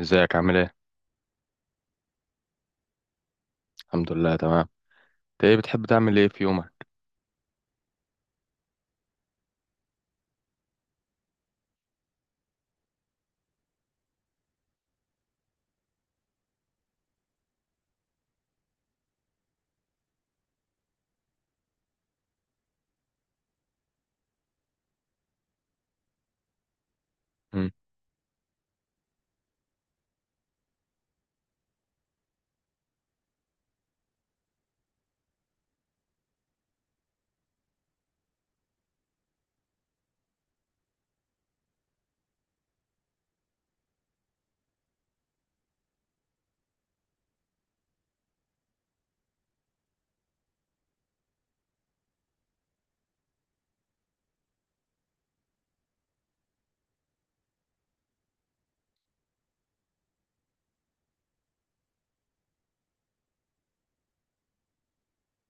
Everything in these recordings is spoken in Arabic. ازيك عامل ايه؟ الحمد لله، تمام. انت ايه بتحب تعمل ايه في يومك؟ مم.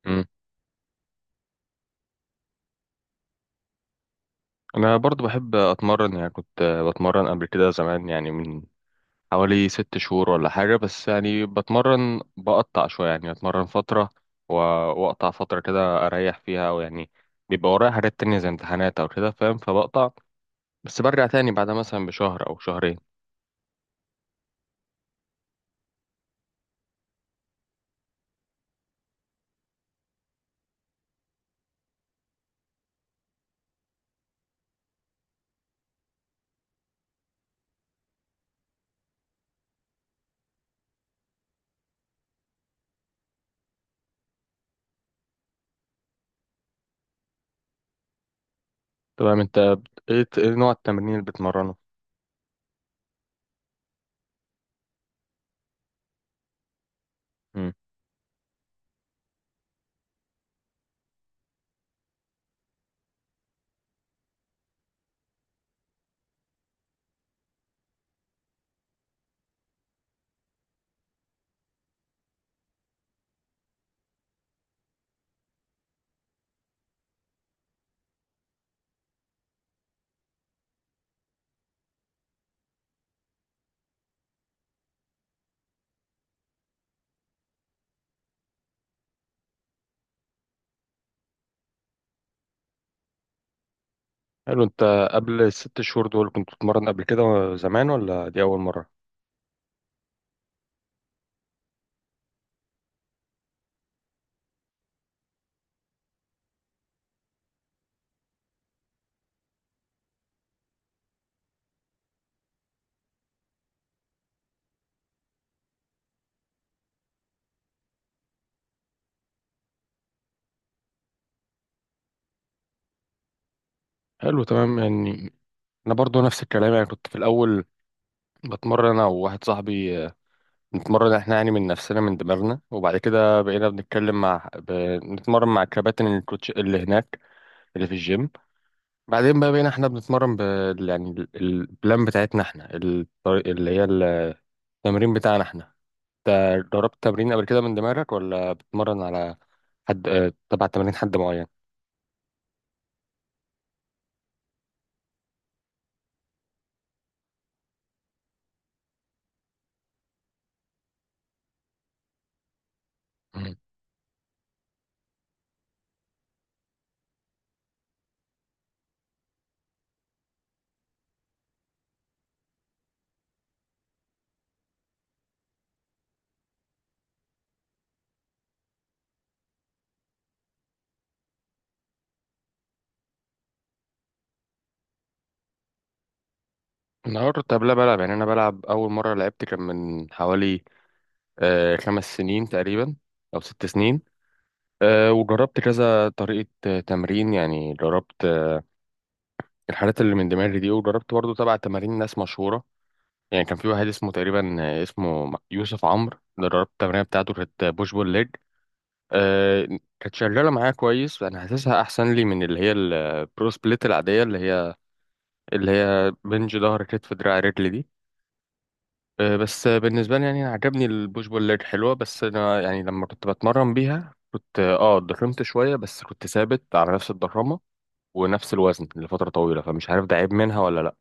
مم. انا برضو بحب اتمرن، يعني كنت بتمرن قبل كده زمان، يعني من حوالي 6 شهور ولا حاجة. بس يعني بتمرن بقطع شوية، يعني اتمرن فترة و- واقطع فترة كده اريح فيها، او يعني بيبقى ورايا حاجات تانية زي امتحانات او كده، فاهم، فبقطع. بس برجع تاني بعدها مثلا بشهر او شهرين. تمام. انت ايه نوع التمرين اللي بتمرنه؟ مم. حلو. انت قبل الست شهور دول كنت بتتمرن قبل كده زمان، ولا دي اول مرة؟ حلو، تمام. يعني انا برضو نفس الكلام، يعني كنت في الاول بتمرن انا وواحد صاحبي، نتمرن احنا يعني من نفسنا، من دماغنا. وبعد كده بقينا بنتكلم مع نتمرن مع الكباتن، الكوتش اللي هناك، اللي في الجيم. بعدين بقى بقينا احنا بنتمرن يعني البلان بتاعتنا احنا، الطريق اللي هي التمرين بتاعنا احنا. انت جربت تمرين قبل كده من دماغك، ولا بتتمرن على حد، تبع تمارين حد معين؟ مم. انا كنت قبلها بلعب. يعني انا بلعب، اول مره لعبت كان من حوالي 5 سنين تقريبا، أو 6 سنين. وجربت كذا طريقة تمرين. يعني جربت الحاجات اللي من دماغي دي، وجربت برضو تبع تمارين ناس مشهورة. يعني كان في واحد اسمه تقريبا، اسمه يوسف عمرو، ده جربت التمرين بتاعته، كانت بوش بول ليج. آه، كانت شغالة معايا كويس. أنا حاسسها أحسن لي من اللي هي البرو سبليت العادية، اللي هي بنج، ظهر، كتف، دراع، رجل دي. بس بالنسبة لي، يعني أنا عجبني البوش بول ليج، حلوة. بس أنا يعني لما كنت بتمرن بيها، كنت اتضخمت شوية، بس كنت ثابت على نفس الضخامة ونفس الوزن لفترة طويلة، فمش عارف ده عيب منها ولا لأ.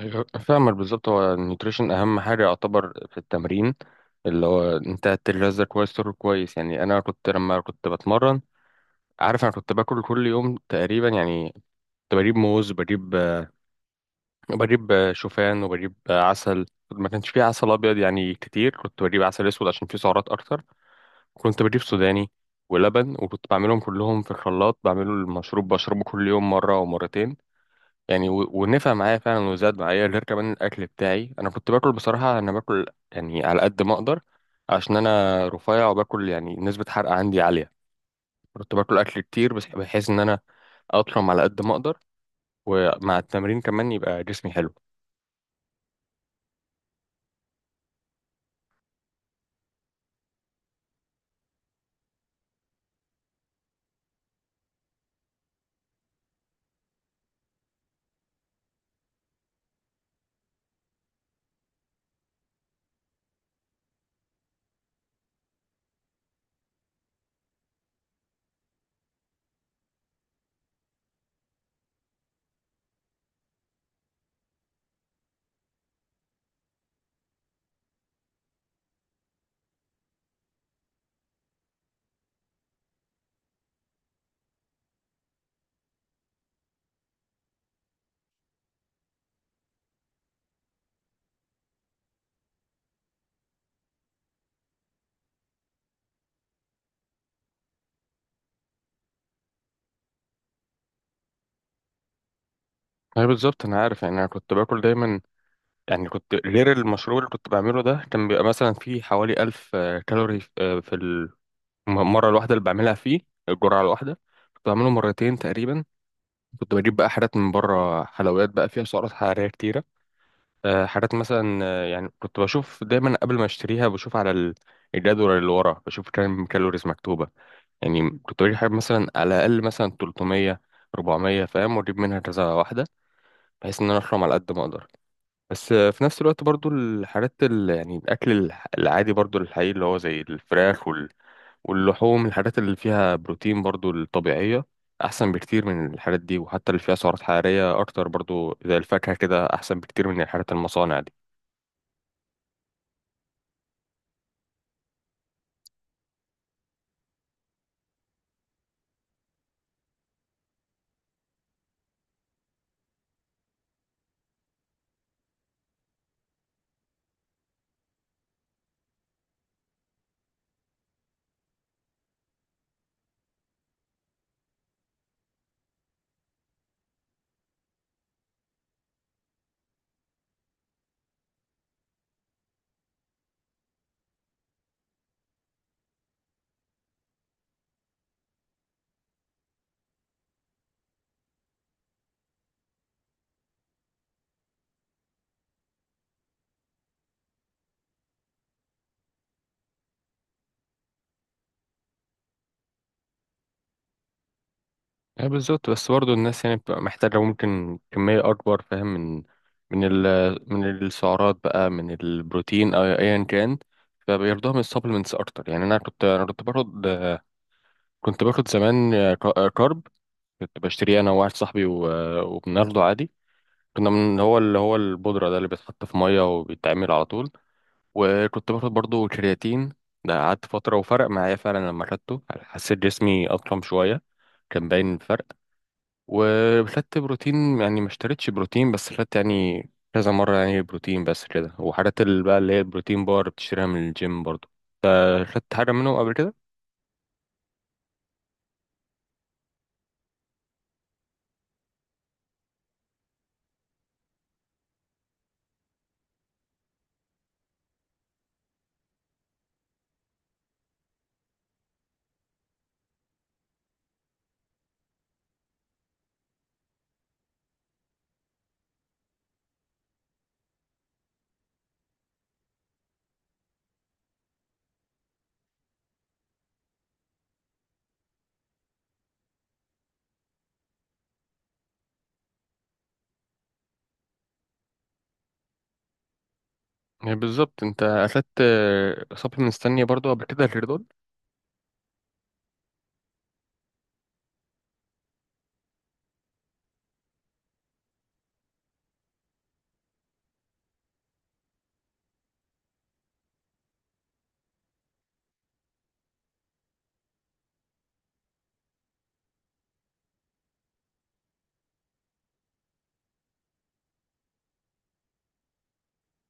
أيوة، فاهمك بالظبط. هو النيوتريشن أهم حاجة يعتبر في التمرين، اللي هو أنت تغذى كويس، تاكل كويس. يعني أنا كنت لما كنت بتمرن، عارف، أنا كنت باكل كل يوم تقريبا. يعني كنت بجيب موز، بجيب شوفان، وبجيب عسل. ما كانش فيه عسل ابيض يعني كتير، كنت بجيب عسل اسود عشان فيه سعرات اكتر. كنت بجيب سوداني ولبن، وكنت بعملهم كلهم في الخلاط، بعمله المشروب، بشربه كل يوم مره ومرتين. يعني ونفع معايا فعلا، وزاد معايا. غير كمان الاكل بتاعي، انا كنت باكل بصراحه. انا باكل يعني على قد ما اقدر، عشان انا رفيع وباكل، يعني نسبه حرق عندي عاليه. كنت باكل اكل كتير، بس بحيث ان انا اطرم على قد ما اقدر، ومع التمرين كمان يبقى جسمي حلو. اي، بالظبط. انا عارف، يعني انا كنت باكل دايما. يعني كنت غير المشروب اللي كنت بعمله ده، كان بيبقى مثلا فيه حوالي 1000 كالوري، في المره الواحده اللي بعملها فيه، الجرعه الواحده. كنت بعمله مرتين تقريبا. كنت بجيب بقى حاجات من بره، حلويات بقى فيها سعرات حراريه كتيره. حاجات مثلا، يعني كنت بشوف دايما قبل ما اشتريها، بشوف على الجدول اللي ورا، بشوف كام كالوريز مكتوبه. يعني كنت بجيب حاجة مثلا على الأقل مثلا 300، 400، فاهم، وأجيب منها كذا واحدة، بحيث إن أنا أحرم على قد ما أقدر. بس في نفس الوقت برضو الحاجات يعني الأكل العادي، برضو الحقيقي، اللي هو زي الفراخ واللحوم، الحاجات اللي فيها بروتين برضو، الطبيعية، أحسن بكتير من الحاجات دي. وحتى اللي فيها سعرات حرارية أكتر برضو، زي الفاكهة كده، أحسن بكتير من الحاجات المصانع دي. يعني بالظبط. بس برضو الناس يعني بتبقى محتاجة ممكن كمية أكبر، فاهم، من ال... من السعرات بقى، من البروتين أو أيا كان، فبياخدوها من السبلمنتس أكتر. يعني أنا كنت باخد، كنت باخد زمان كارب، كنت بشتريه انا وواحد صاحبي، وبناخده عادي. كنا من هو اللي هو البودرة ده، اللي بيتحط في مية وبيتعمل على طول. وكنت باخد برضو كرياتين. ده قعدت فترة وفرق معايا فعلا، لما خدته حسيت جسمي أضخم شوية، كان باين الفرق. وخدت بروتين. يعني ما اشتريتش بروتين، بس خدت يعني كذا مرة يعني بروتين بس كده. وحاجات اللي بقى اللي هي البروتين بار، بتشتريها من الجيم برضو. أنت خدت حاجة منهم قبل كده؟ يعني بالظبط، انت اخدت سبلمنتس تانية برضو قبل كده غير دول؟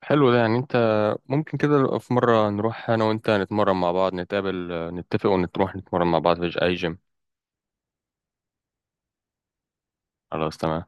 حلو. ده يعني انت، ممكن كده في مرة نروح انا وانت نتمرن مع بعض، نتقابل، نتفق ونروح نتمرن مع بعض في اي جيم. خلاص، تمام.